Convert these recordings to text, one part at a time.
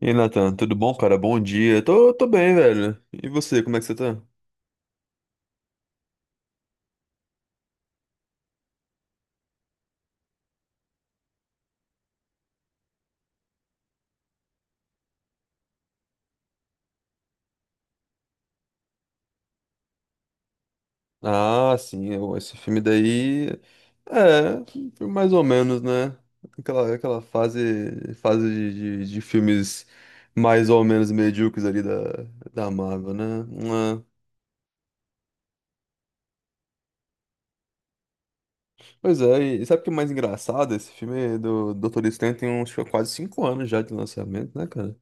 E aí, Nathan, tudo bom, cara? Bom dia. Tô bem, velho. E você, como é que você tá? Ah, sim, esse filme daí. É, foi mais ou menos, né? Aquela fase, fase de filmes mais ou menos medíocres ali da Marvel, né? Uma- Pois é, e sabe o que é mais engraçado? Esse filme do Dr. Estranho tem uns acho que, é quase cinco anos já de lançamento, né, cara?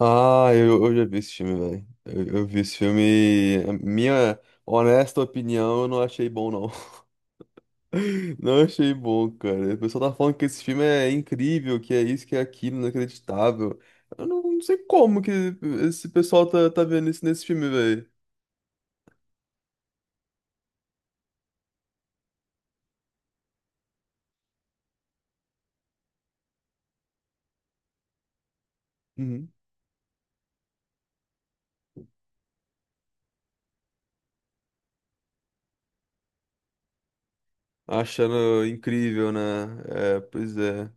Ah, eu já vi esse filme, velho. Eu vi esse filme, e a minha honesta opinião, eu não achei bom, não. Não achei bom, cara. O pessoal tá falando que esse filme é incrível, que é isso, que é aquilo, inacreditável. Eu não sei como que esse pessoal tá vendo isso nesse filme, velho. Uhum. Achando incrível, né? É, pois é.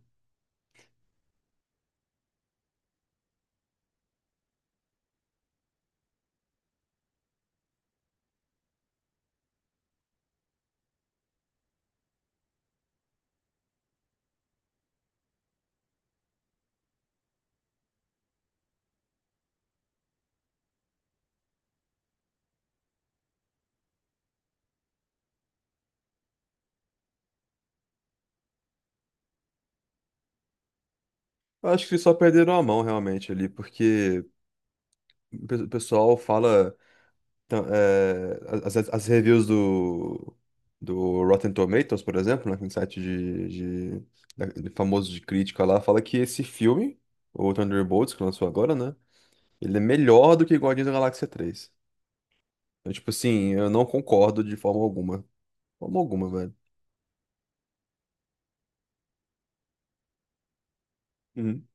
Eu acho que só perderam a mão, realmente, ali, porque o pessoal fala. Então, é, as reviews do Rotten Tomatoes, por exemplo, né, que é um site de- de famoso de crítica lá, fala que esse filme, o Thunderbolts, que lançou agora, né? Ele é melhor do que Guardiões da Galáxia 3. Então, tipo assim, eu não concordo de forma alguma. Forma alguma, velho. Uhum.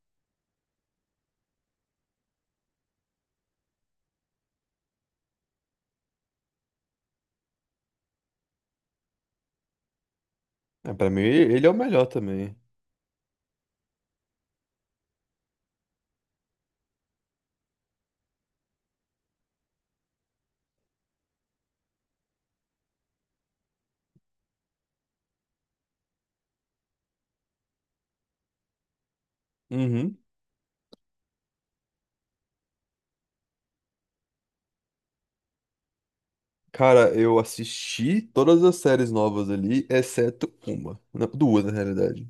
É, pra mim, ele é o melhor também. Uhum. Cara, eu assisti todas as séries novas ali, exceto uma. Não, duas, na realidade.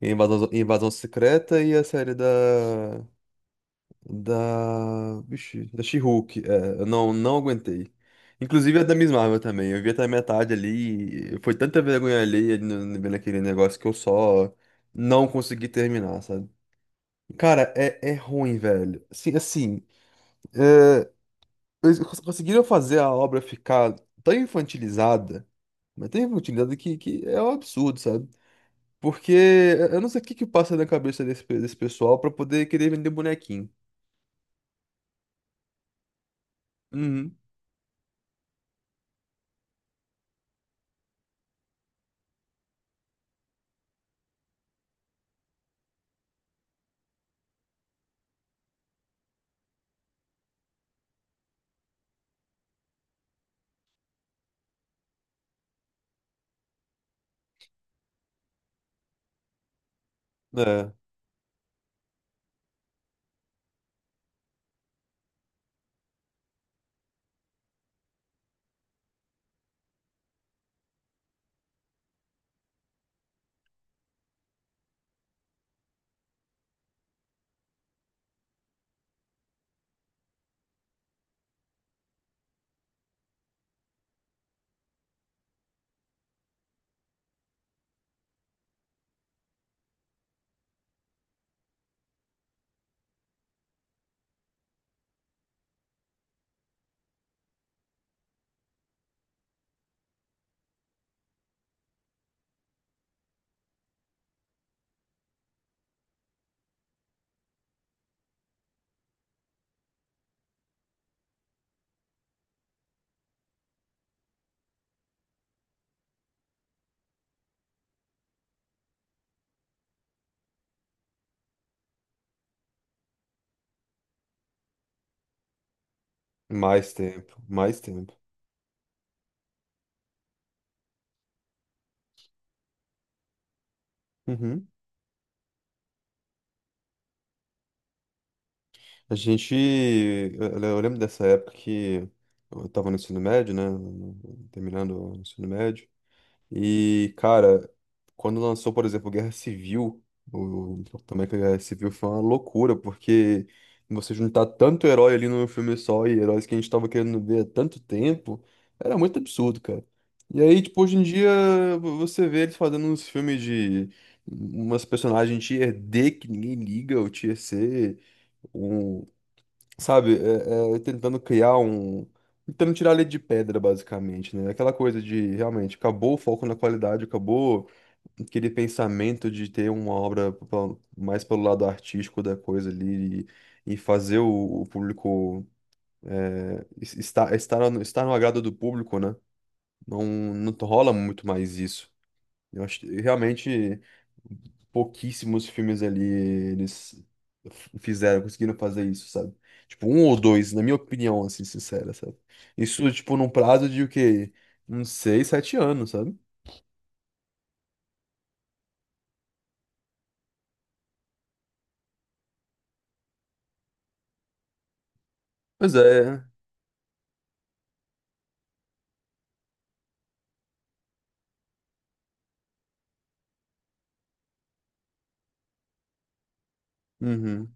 Invasão, Invasão Secreta e a série da. Da. Vixe, da She-Hulk. É, eu não aguentei. Inclusive a da Miss Marvel também. Eu vi até a metade ali, e foi tanta vergonha alheia ali naquele negócio que eu só não consegui terminar, sabe? Cara, é, é ruim, velho. Assim, assim é, eles conseguiram fazer a obra ficar tão infantilizada, mas tão infantilizada que é um absurdo, sabe? Porque eu não sei o que que passa na cabeça desse pessoal pra poder querer vender bonequinho. Uhum. É. Mais tempo, mais tempo. Uhum. A gente. Eu lembro dessa época que eu estava no ensino médio, né? Terminando o ensino médio. E, cara, quando lançou, por exemplo, Guerra Civil, o, também que a Guerra Civil foi uma loucura, porque você juntar tanto herói ali num filme só e heróis que a gente tava querendo ver há tanto tempo, era muito absurdo, cara. E aí, tipo, hoje em dia, você vê eles fazendo uns filmes de umas personagens tier D que ninguém liga, ou tier C, um sabe, é, é, tentando criar um. Tentando tirar leite de pedra, basicamente, né? Aquela coisa de realmente acabou o foco na qualidade, acabou aquele pensamento de ter uma obra mais pelo lado artístico da coisa ali e fazer o público estar no agrado do público, né? Não, não rola muito mais isso. Eu acho que realmente pouquíssimos filmes ali eles fizeram, conseguiram fazer isso, sabe? Tipo, um ou dois, na minha opinião, assim, sincera, sabe? Isso, tipo, num prazo de o quê? Uns seis, sete anos, sabe? Pois é. Uhum.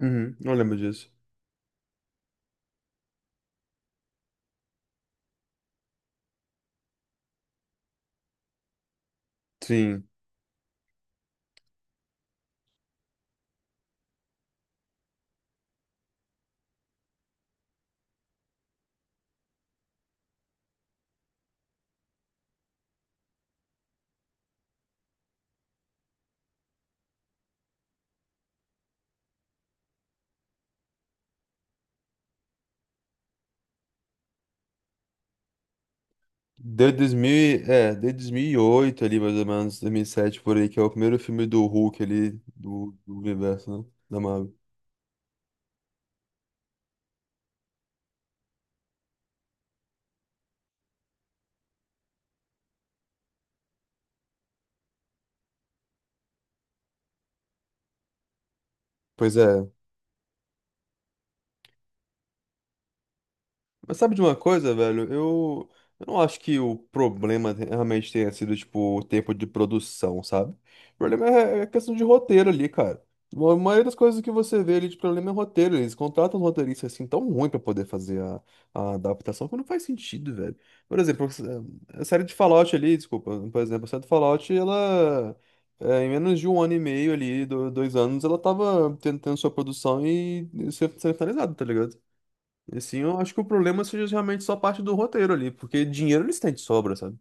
Uhum. Não lembro disso. Sim. Desde 2000, é, desde 2008 ali, mais ou menos, 2007 por aí, que é o primeiro filme do Hulk ali, do universo, né? Da Marvel. Pois é. Mas sabe de uma coisa, velho? Eu não acho que o problema realmente tenha sido, tipo, o tempo de produção, sabe? O problema é questão de roteiro ali, cara. A maioria das coisas que você vê ali de problema é roteiro. Eles contratam um roteirista assim tão ruim pra poder fazer a adaptação que não faz sentido, velho. Por exemplo, a série de Fallout ali, desculpa, por exemplo, a série de Fallout, ela. É, em menos de um ano e meio ali, do- dois anos, ela tava tentando sua produção e ser finalizada, tá ligado? Assim, eu acho que o problema seja realmente só parte do roteiro ali, porque dinheiro eles têm de sobra, sabe?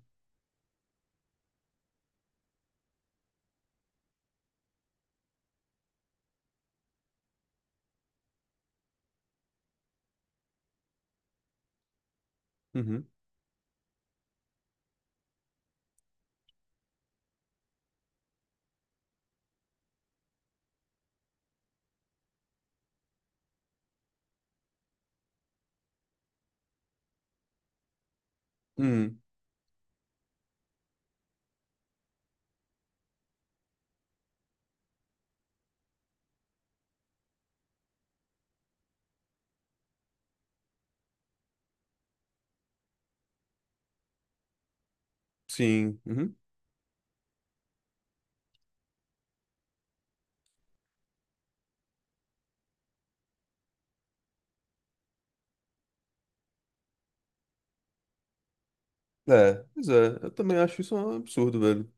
Uhum. Uhum. Sim. Uhum. É, pois é. Eu também acho isso um absurdo, velho.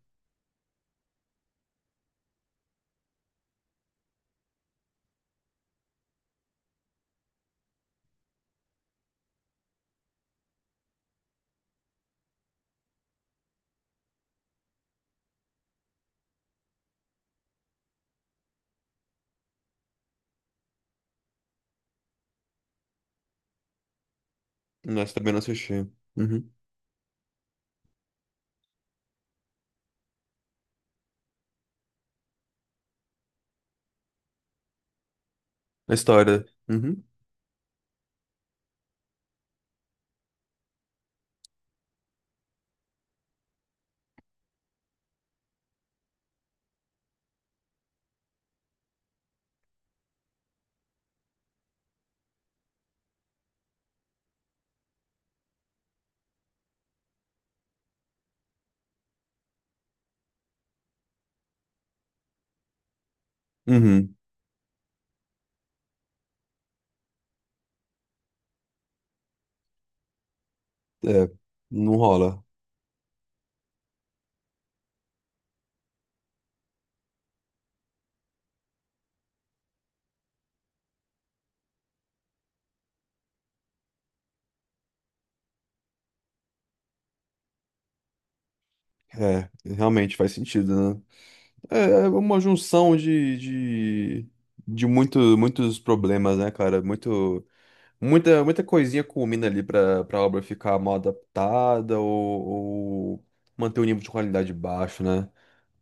Mas também não assisti. Uhum. A história. Uhum. Uhum. É, não rola. É, realmente faz sentido, né? É é uma junção de, de muito, muitos problemas, né, cara? Muito. Muita, muita coisinha culmina ali pra, pra obra ficar mal adaptada ou manter o nível de qualidade baixo, né?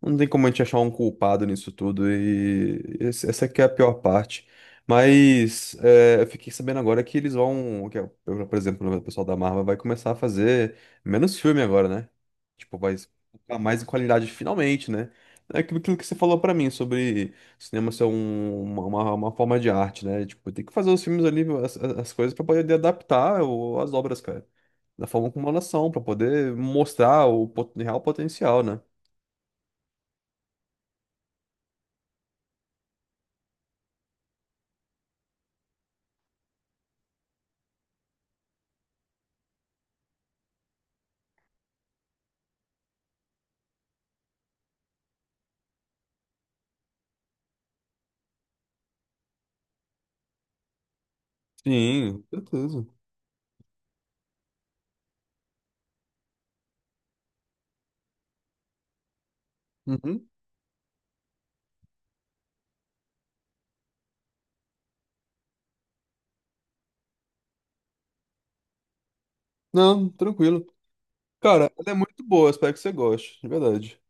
Não tem como a gente achar um culpado nisso tudo e essa que é a pior parte. Mas é, eu fiquei sabendo agora que eles vão, que, é, por exemplo, o pessoal da Marvel vai começar a fazer menos filme agora, né? Tipo, vai se focar mais em qualidade finalmente, né? É aquilo que você falou pra mim sobre cinema ser uma forma de arte, né? Tipo, tem que fazer os filmes ali, as coisas pra poder adaptar as obras, cara. Da forma como elas são, pra poder mostrar o real potencial, né? Sim, certeza. Uhum. Não, tranquilo. Cara, ela é muito boa, espero que você goste, de verdade.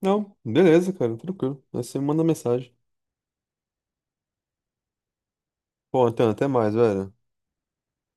Não, beleza, cara, tranquilo. Aí você me manda mensagem. Bom, então, até mais, velho.